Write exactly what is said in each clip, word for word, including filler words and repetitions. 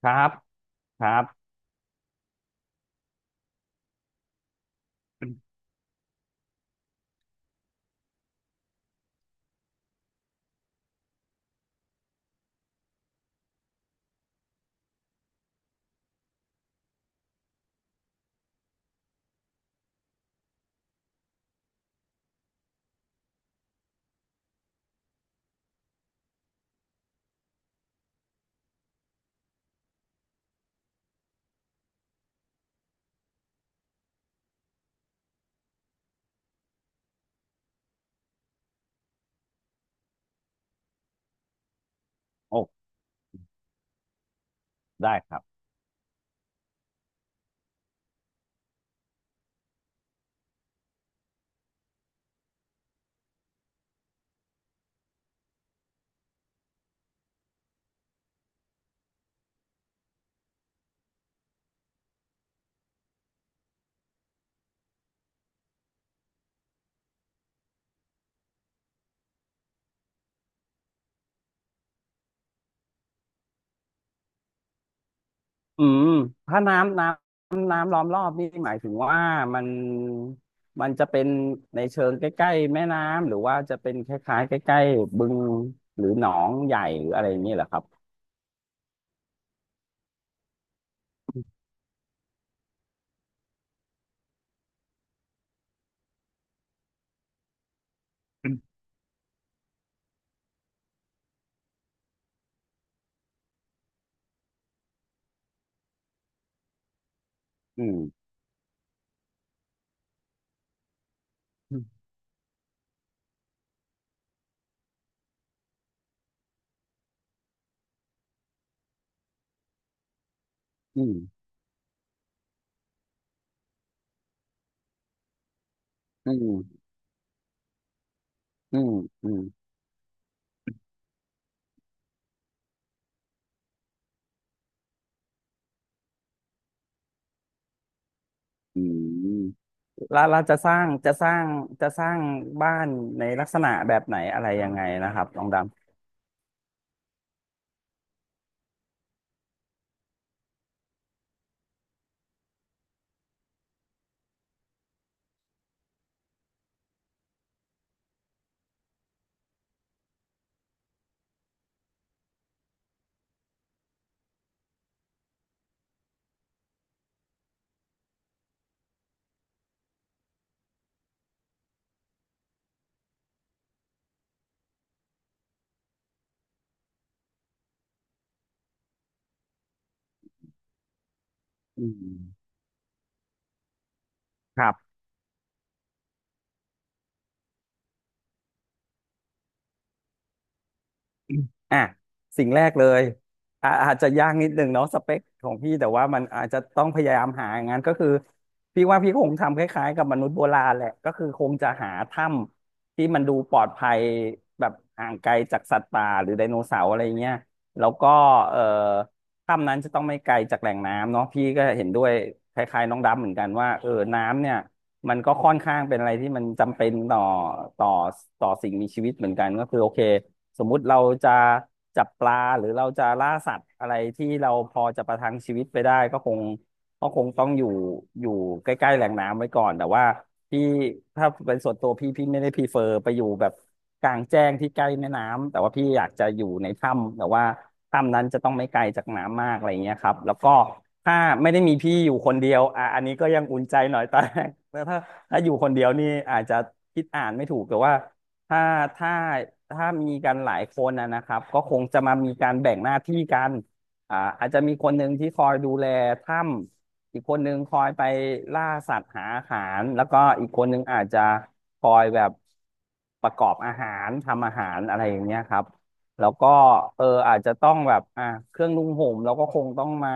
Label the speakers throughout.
Speaker 1: ครับครับโอ้ได้ครับอืมถ้าน้ำน้ำน้ำล้อมรอบนี่หมายถึงว่ามันมันจะเป็นในเชิงใกล้ๆแม่น้ำหรือว่าจะเป็นคล้ายๆใกล้ๆบึงหรือหนองใหญ่หรืออะไรอย่างนี้เหรอครับอืมอืมอืมอืมอืมอืมอืมแล้วเราจะสร้างจะสร้างจะสร้างบ้านในลักษณะแบบไหนอะไรยังไงนะครับลองดำอืมครับ อ่ะสิ่งแรกเลยอาอาจจะยากนิดนึงเนาะสเปคของพี่แต่ว่ามันอาจจะต้องพยายามหาอย่างนั้นก็คือพี่ว่าพี่คงทำคล้ายๆกับมนุษย์โบราณแหละก็คือคงจะหาถ้ำที่มันดูปลอดภัยแบบห่างไกลจากสัตว์ป่าหรือไดโนเสาร์อะไรเงี้ยแล้วก็เอ่อถ้ำนั้นจะต้องไม่ไกลจากแหล่งน้ำเนาะพี่ก็เห็นด้วยคล้ายๆน้องดำเหมือนกันว่าเออน้ำเนี่ยมันก็ค่อนข้างเป็นอะไรที่มันจำเป็นต่อต่อต่อสิ่งมีชีวิตเหมือนกันก็คือโอเค สมมุติเราจะจับปลาหรือเราจะล่าสัตว์อะไรที่เราพอจะประทังชีวิตไปได้ก็คงก็คงต้องอยู่อยู่ใกล้ๆแหล่งน้ำไว้ก่อนแต่ว่าพี่ถ้าเป็นส่วนตัวพี่พี่ไม่ได้พรีเฟอร์ไปอยู่แบบกลางแจ้งที่ใกล้แม่น้ำแต่ว่าพี่อยากจะอยู่ในถ้ำแต่ว่าถ้ำนั้นจะต้องไม่ไกลจากน้ำมากอะไรอย่างเงี้ยครับแล้วก็ถ้าไม่ได้มีพี่อยู่คนเดียวอ่ะอันนี้ก็ยังอุ่นใจหน่อยตอนแรกแต่ถ้าถ้าอยู่คนเดียวนี่อาจจะคิดอ่านไม่ถูกแต่ว่า ถ้าถ้าถ้ามีกันหลายคนนะนะครับก็คงจะมามีการแบ่งหน้าที่กันอ่าอาจจะมีคนหนึ่งที่คอยดูแลถ้ำอีกคนหนึ่งคอยไปล่าสัตว์หาอาหารแล้วก็อีกคนหนึ่งอาจจะคอยแบบประกอบอาหารทำอาหารอะไรอย่างเงี้ยครับแล้วก็เอออาจจะต้องแบบอ่าเครื่องนุ่งห่มเราก็คงต้องมา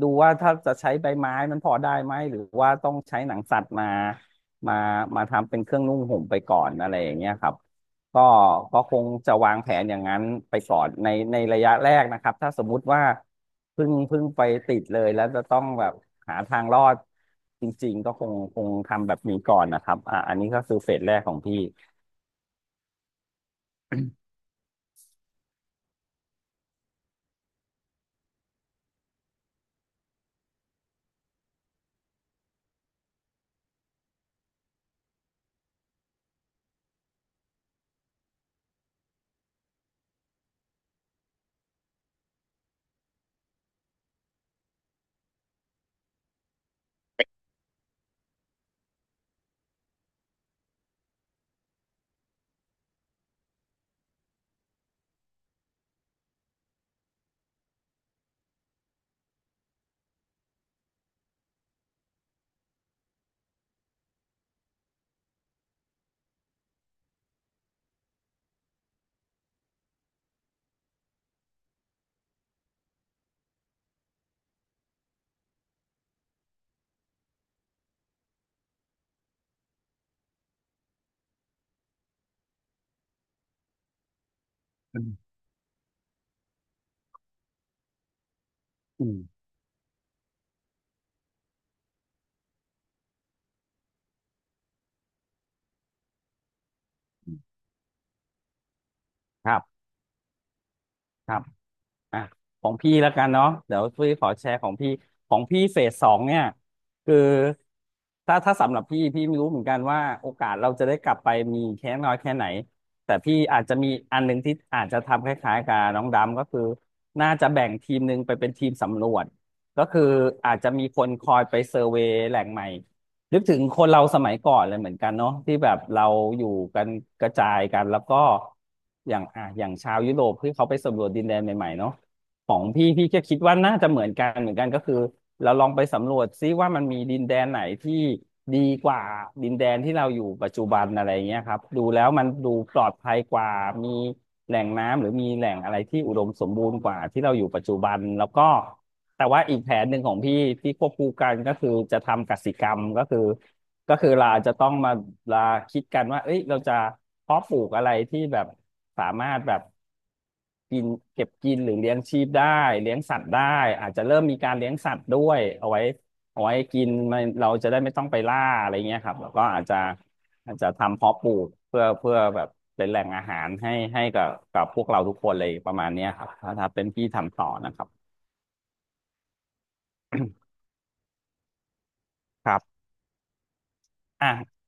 Speaker 1: ดูว่าถ้าจะใช้ใบไม้มันพอได้ไหมหรือว่าต้องใช้หนังสัตว์มา มามาทำเป็นเครื่องนุ่งห่มไปก่อนอะไรอย่างเงี้ยครับก็ก็คงจะวางแผนอย่างนั้นไปก่อนในในระยะแรกนะครับถ้าสมมุติว่าเพิ่งเพิ่งไปติดเลยแล้วจะต้องแบบหาทางรอดจริงๆก็คงคงทำแบบนี้ก่อนนะครับอ่าอันนี้ก็คือเฟสแรกของพี่อืมอืมครับครับ อ่ะของพี่แล้วกันเนาะเดี๋ยวพี่ขอแชร์ของพี่ของพี่เฟสสองเนี่ยคือถ้าถ้าสำหรับพี่พี่ไม่รู้เหมือนกันว่าโอกาสเราจะได้กลับไปมีแค่น้อยแค่ไหนแต่พี่อาจจะมีอันหนึ่งที่อาจจะทำคล้ายๆกับน้องดำก็คือน่าจะแบ่งทีมหนึ่งไปเป็นทีมสำรวจก็คืออาจจะมีคนคอยไปเซอร์เวย์แหล่งใหม่นึกถึงคนเราสมัยก่อนเลยเหมือนกันเนาะที่แบบเราอยู่กันกระจายกันแล้วก็อย่างอ่ะอย่างชาวยุโรปที่เขาไปสำรวจดินแดนใหม่ๆเนาะ ของพี่พี่ก็คิดว่าน่าจะเหมือนกันเหมือนกันก็คือเราลองไปสำรวจซิว่ามันมีดินแดนไหนที่ดีกว่าดินแดนที่เราอยู่ปัจจุบันอะไรเงี้ยครับดูแล้วมันดูปลอดภัยกว่ามีแหล่งน้ำหรือมีแหล่งอะไรที่อุดมสมบูรณ์กว่าที่เราอยู่ปัจจุบันแล้วก็แต่ว่าอีกแผนหนึ่งของพี่ที่ควบคู่กันก็คือจะทำกสิกรรมก็คือ ก็คือเราอาจจะต้องมาลาคิดกันว่าเอ้ยเราจะเพาะปลูกอะไรที่แบบสามารถแบบกินเก็บกินหรือเลี้ยงชีพได้เลี้ยงสัตว์ได้อาจจะเริ่มมีการเลี้ยงสัตว์ด้วยเอาไว้เอาไว้กินมันเราจะได้ไม่ต้องไปล่าอะไรเงี้ยครับแล้วก็อาจจะอาจจะทำเพาะปลูกเพื่อเพื่อแบบเป็นแหล่งอาหารให้ให้กับกับพวกเราทุกคนเลยประมาณเนี้ยครับถ้าถ้าเป็นพี่ทำต่อนะครับครับอ่ะ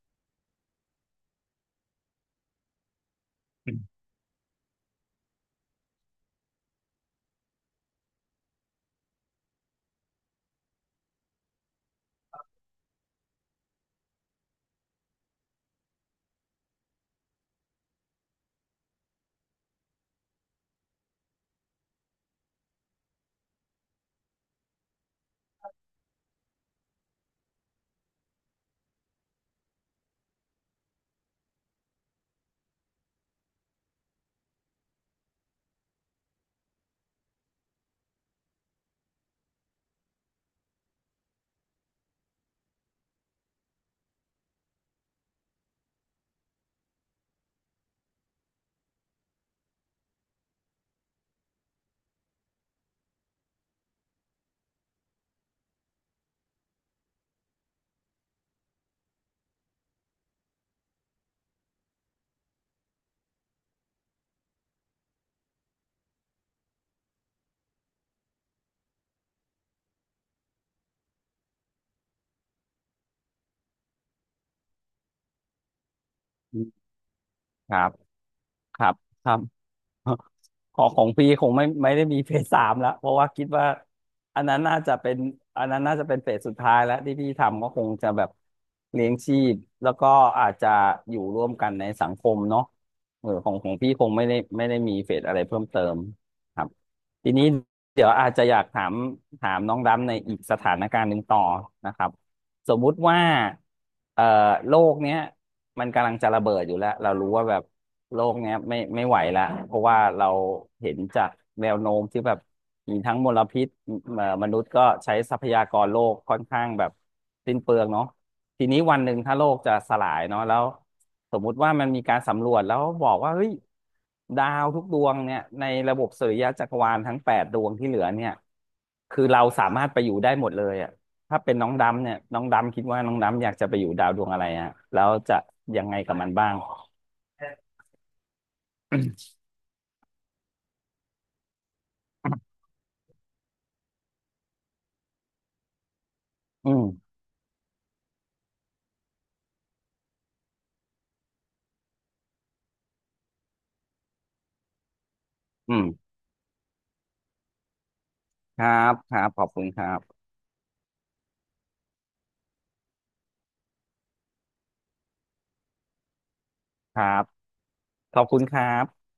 Speaker 1: อืมครับครับครับ ของของพี่คงไม่ไม่ได้มีเฟสสามแล้วเพราะว่าคิดว่าอันนั้นน่าจะเป็นอันนั้นน่าจะเป็นเฟสสุดท้ายแล้วที่พี่ทำก็คงจะแบบเลี้ยงชีพแล้วก็อาจจะอยู่ร่วมกันในสังคมเนาะเออของของพี่คงไม่ได้ไม่ได้มีเฟสอะไรเพิ่มเติมครับทีนี้เดี๋ยวอาจจะอยากถามถามน้องดำในอีกสถานการณ์หนึ่งต่อนะครับ สมมุติว่าเอ่อโลกเนี้ยมันกำลังจะระเบิดอยู่แล้วเรารู้ว่าแบบโลกเนี้ยไม่ไม่ไหวละเพราะว่าเราเห็นจากแนวโน้มที่แบบมีทั้งมลพิษเอ่อมนุษย์ก็ใช้ทรัพยากรโลกค่อนข้างแบบสิ้นเปลืองเนาะทีนี้วันหนึ่งถ้าโลกจะสลายเนาะแล้วสมมุติว่ามันมีการสำรวจแล้วบอกว่าเฮ้ยดาวทุกดวงเนี่ยในระบบสุริยะจักรวาลทั้งแปดดวงที่เหลือเนี่ยคือเราสามารถไปอยู่ได้หมดเลยอ่ะ ถ้าเป็นน้องดำเนี่ยน้องดำคิดว่าน้องดำอยากจะไปอยู่ดาวดวงอะไรฮะแล้วจะยังไงกับมันบ้างอืมอืมครับครับขอบคุณครับครับขอบคุณครับ